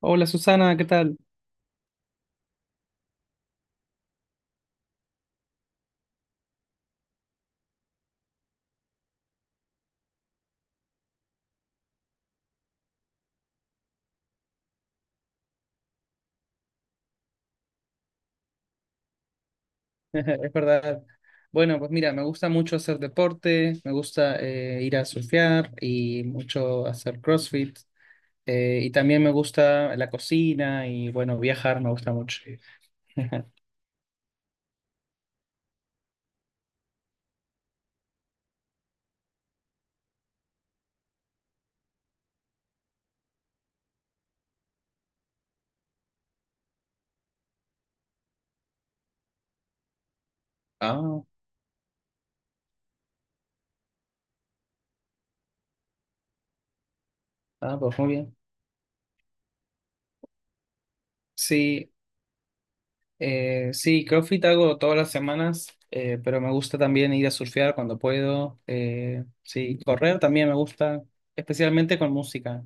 Hola Susana, ¿qué tal? Es verdad. Bueno, pues mira, me gusta mucho hacer deporte, me gusta ir a surfear y mucho hacer CrossFit. Y también me gusta la cocina y bueno, viajar me gusta mucho. Ah, ah, pues muy bien. Sí, sí, CrossFit hago todas las semanas, pero me gusta también ir a surfear cuando puedo. Sí, correr también me gusta, especialmente con música.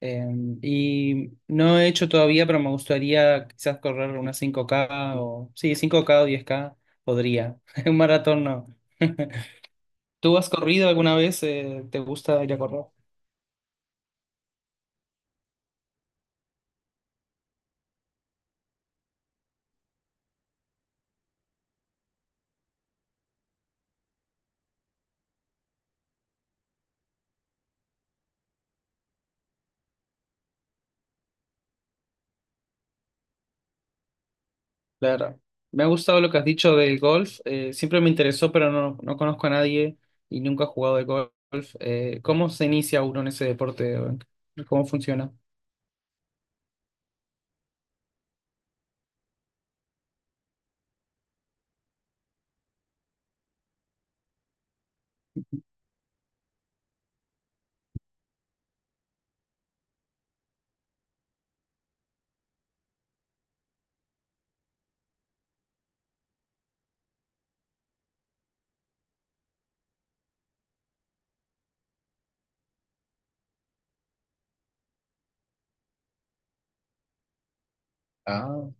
Eh, y no he hecho todavía, pero me gustaría quizás correr una 5K o sí, 5K o 10K podría. Un maratón no. ¿Tú has corrido alguna vez? ¿Te gusta ir a correr? Claro. Me ha gustado lo que has dicho del golf. Siempre me interesó, pero no, no conozco a nadie y nunca he jugado de golf. ¿Cómo se inicia uno en ese deporte? ¿Cómo funciona? Ah,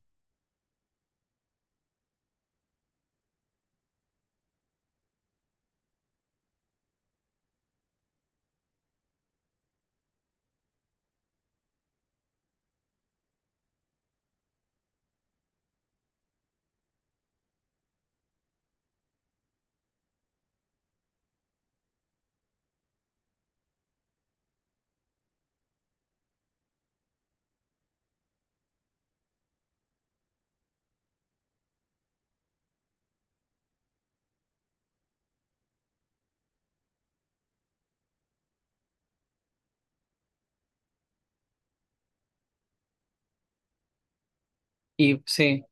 y sí.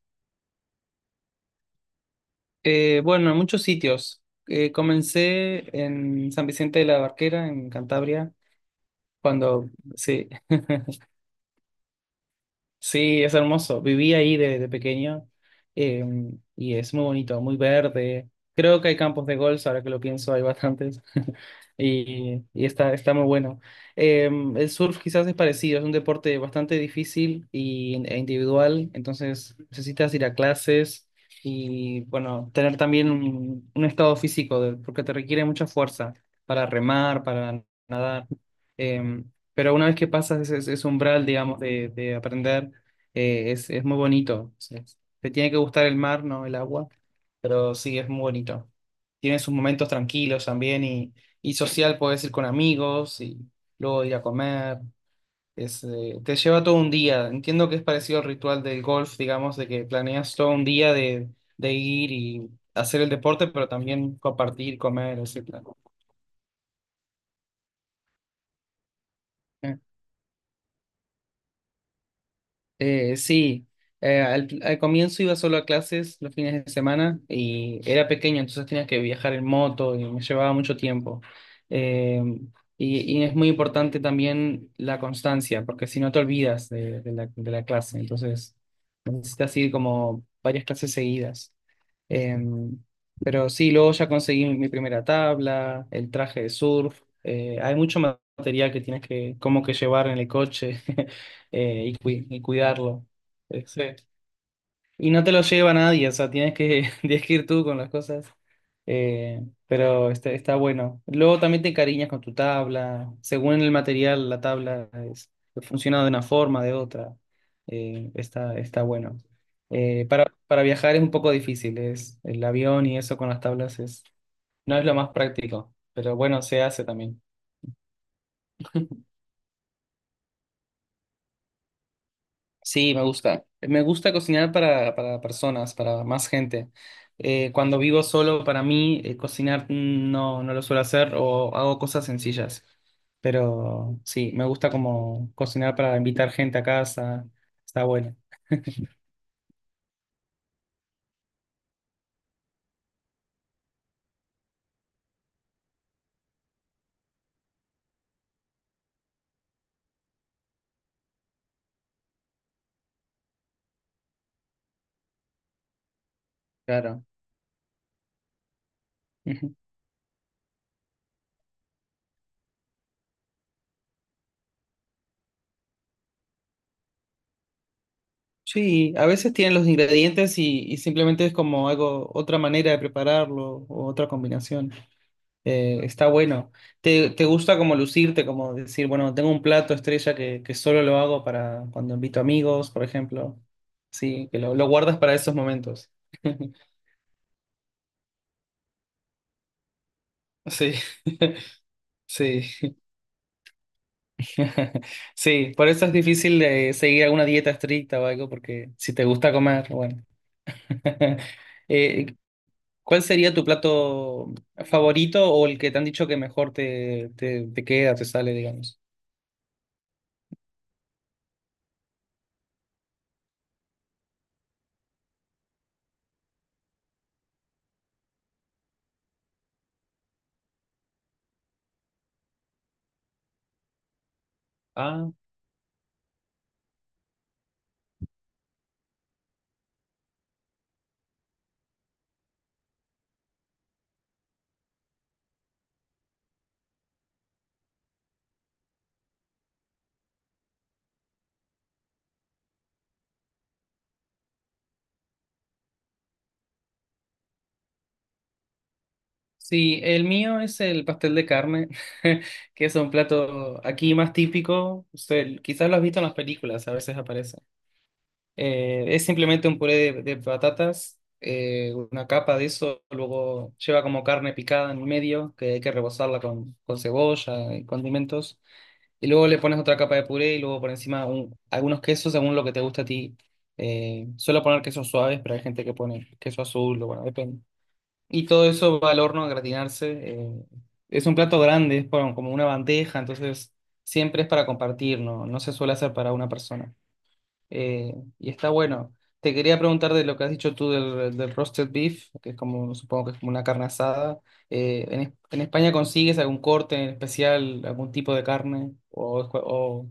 Bueno, en muchos sitios. Comencé en San Vicente de la Barquera, en Cantabria, cuando, sí, sí, es hermoso. Viví ahí de pequeño eh, y es muy bonito, muy verde. Creo que hay campos de golf, ahora que lo pienso, hay bastantes. Y está muy bueno. Eh, el surf quizás es parecido, es un deporte bastante difícil e individual, entonces necesitas ir a clases y, bueno, tener también un, estado físico, porque te requiere mucha fuerza para remar, para nadar. Em, pero una vez que pasas ese umbral, digamos, de aprender, es muy bonito. O sea, te tiene que gustar el mar, no el agua, pero sí, es muy bonito. Tiene sus momentos tranquilos también y social, puedes ir con amigos y luego ir a comer. Te lleva todo un día. Entiendo que es parecido al ritual del golf, digamos, de que planeas todo un día de ir y hacer el deporte, pero también compartir, comer, etc. Sí, al comienzo iba solo a clases los fines de semana y era pequeño, entonces tenía que viajar en moto y me llevaba mucho tiempo. Eh, y es muy importante también la constancia, porque si no te olvidas de, de la clase, entonces necesitas ir como varias clases seguidas. Em, pero sí, luego ya conseguí mi primera tabla, el traje de surf. Hay mucho material que tienes que como que llevar en el coche y cuidarlo. Sí. Y no te lo lleva nadie, o sea, tienes que, tienes que ir tú con las cosas. Eh, pero está bueno. Luego también te encariñas con tu tabla. Según el material, la tabla funciona de una forma, de otra. Está bueno. Para, viajar es un poco difícil, es el avión y eso con las tablas no es lo más práctico, pero bueno, se hace también. Sí, me gusta. Me gusta cocinar para personas, para más gente. Cuando vivo solo, para mí, cocinar no, no lo suelo hacer o hago cosas sencillas. Pero sí, me gusta como cocinar para invitar gente a casa. Está bueno. Claro. Ujú. Sí, a veces tienen los ingredientes y simplemente es como algo, otra manera de prepararlo o otra combinación. Está bueno. ¿Te gusta como lucirte, como decir, bueno, tengo un plato estrella que solo lo hago para cuando invito amigos, por ejemplo? Sí, que lo guardas para esos momentos. Sí, sí, sí. Por eso es difícil seguir alguna dieta estricta o algo, porque si te gusta comer, bueno. Eh, ¿Cuál sería tu plato favorito o el que te han dicho que mejor te queda, te sale, digamos? Ah, sí, el mío es el pastel de carne, que es un plato aquí más típico. O sea, quizás lo has visto en las películas, a veces aparece. Es simplemente un puré de patatas, una capa de eso, luego lleva como carne picada en el medio, que hay que rebozarla con cebolla y condimentos, y luego le pones otra capa de puré y luego por encima algunos quesos según lo que te gusta a ti. Suelo poner quesos suaves, pero hay gente que pone queso azul, o bueno, depende. Y todo eso va al horno a gratinarse. Es un plato grande, es como una bandeja, entonces siempre es para compartir, no, no se suele hacer para una persona y está bueno. Te quería preguntar de lo que has dicho tú del roasted beef, que es como, supongo que es como una carne asada. ¿En España consigues algún corte en especial, algún tipo de carne? O, es cua- o-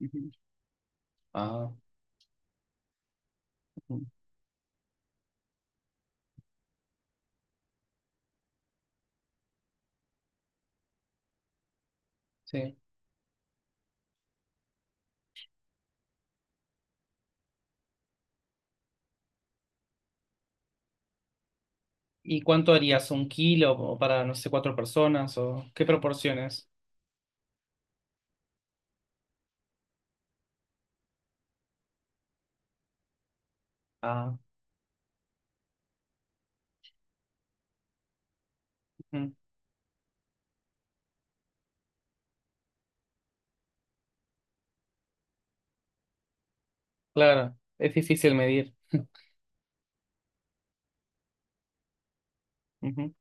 Ujú. Ah, ujú, sí. ¿Y cuánto harías? ¿Un kilo o para, no sé, cuatro personas? ¿O qué proporciones? Ah, ujú, claro, es difícil medir. Ujú,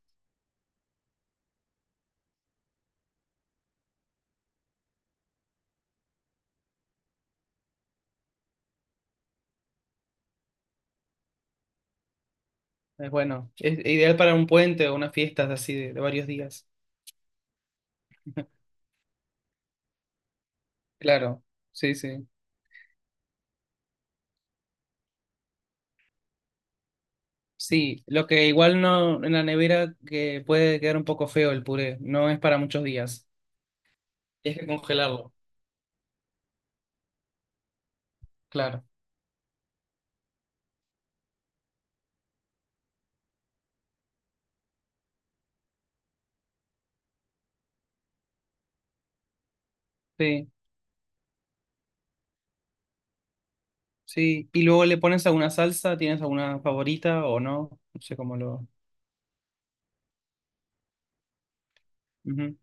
es bueno, es ideal para un puente o unas fiestas así de varios días. Claro, sí, sí. Sí, lo que igual no en la nevera que puede quedar un poco feo el puré, no es para muchos días. Tienes que congelarlo, claro. Sí, sí. Y luego le pones alguna salsa, ¿tienes alguna favorita o no? No sé cómo lo. Ujú,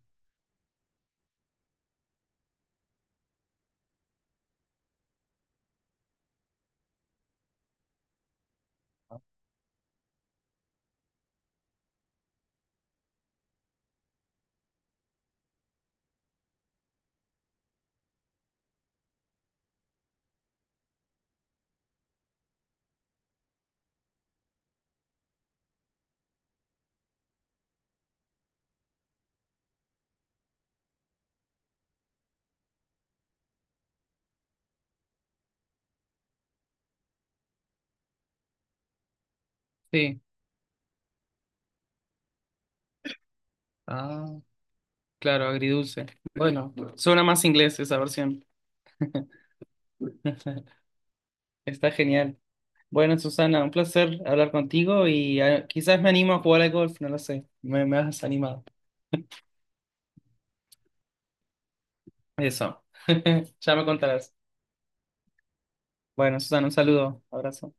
sí. Ah, claro, agridulce. Bueno, suena más inglés esa versión. Está genial. Bueno, Susana, un placer hablar contigo y quizás me animo a jugar al golf, no lo sé. Me has animado. Eso. Ya me contarás. Bueno, Susana, un saludo, abrazo.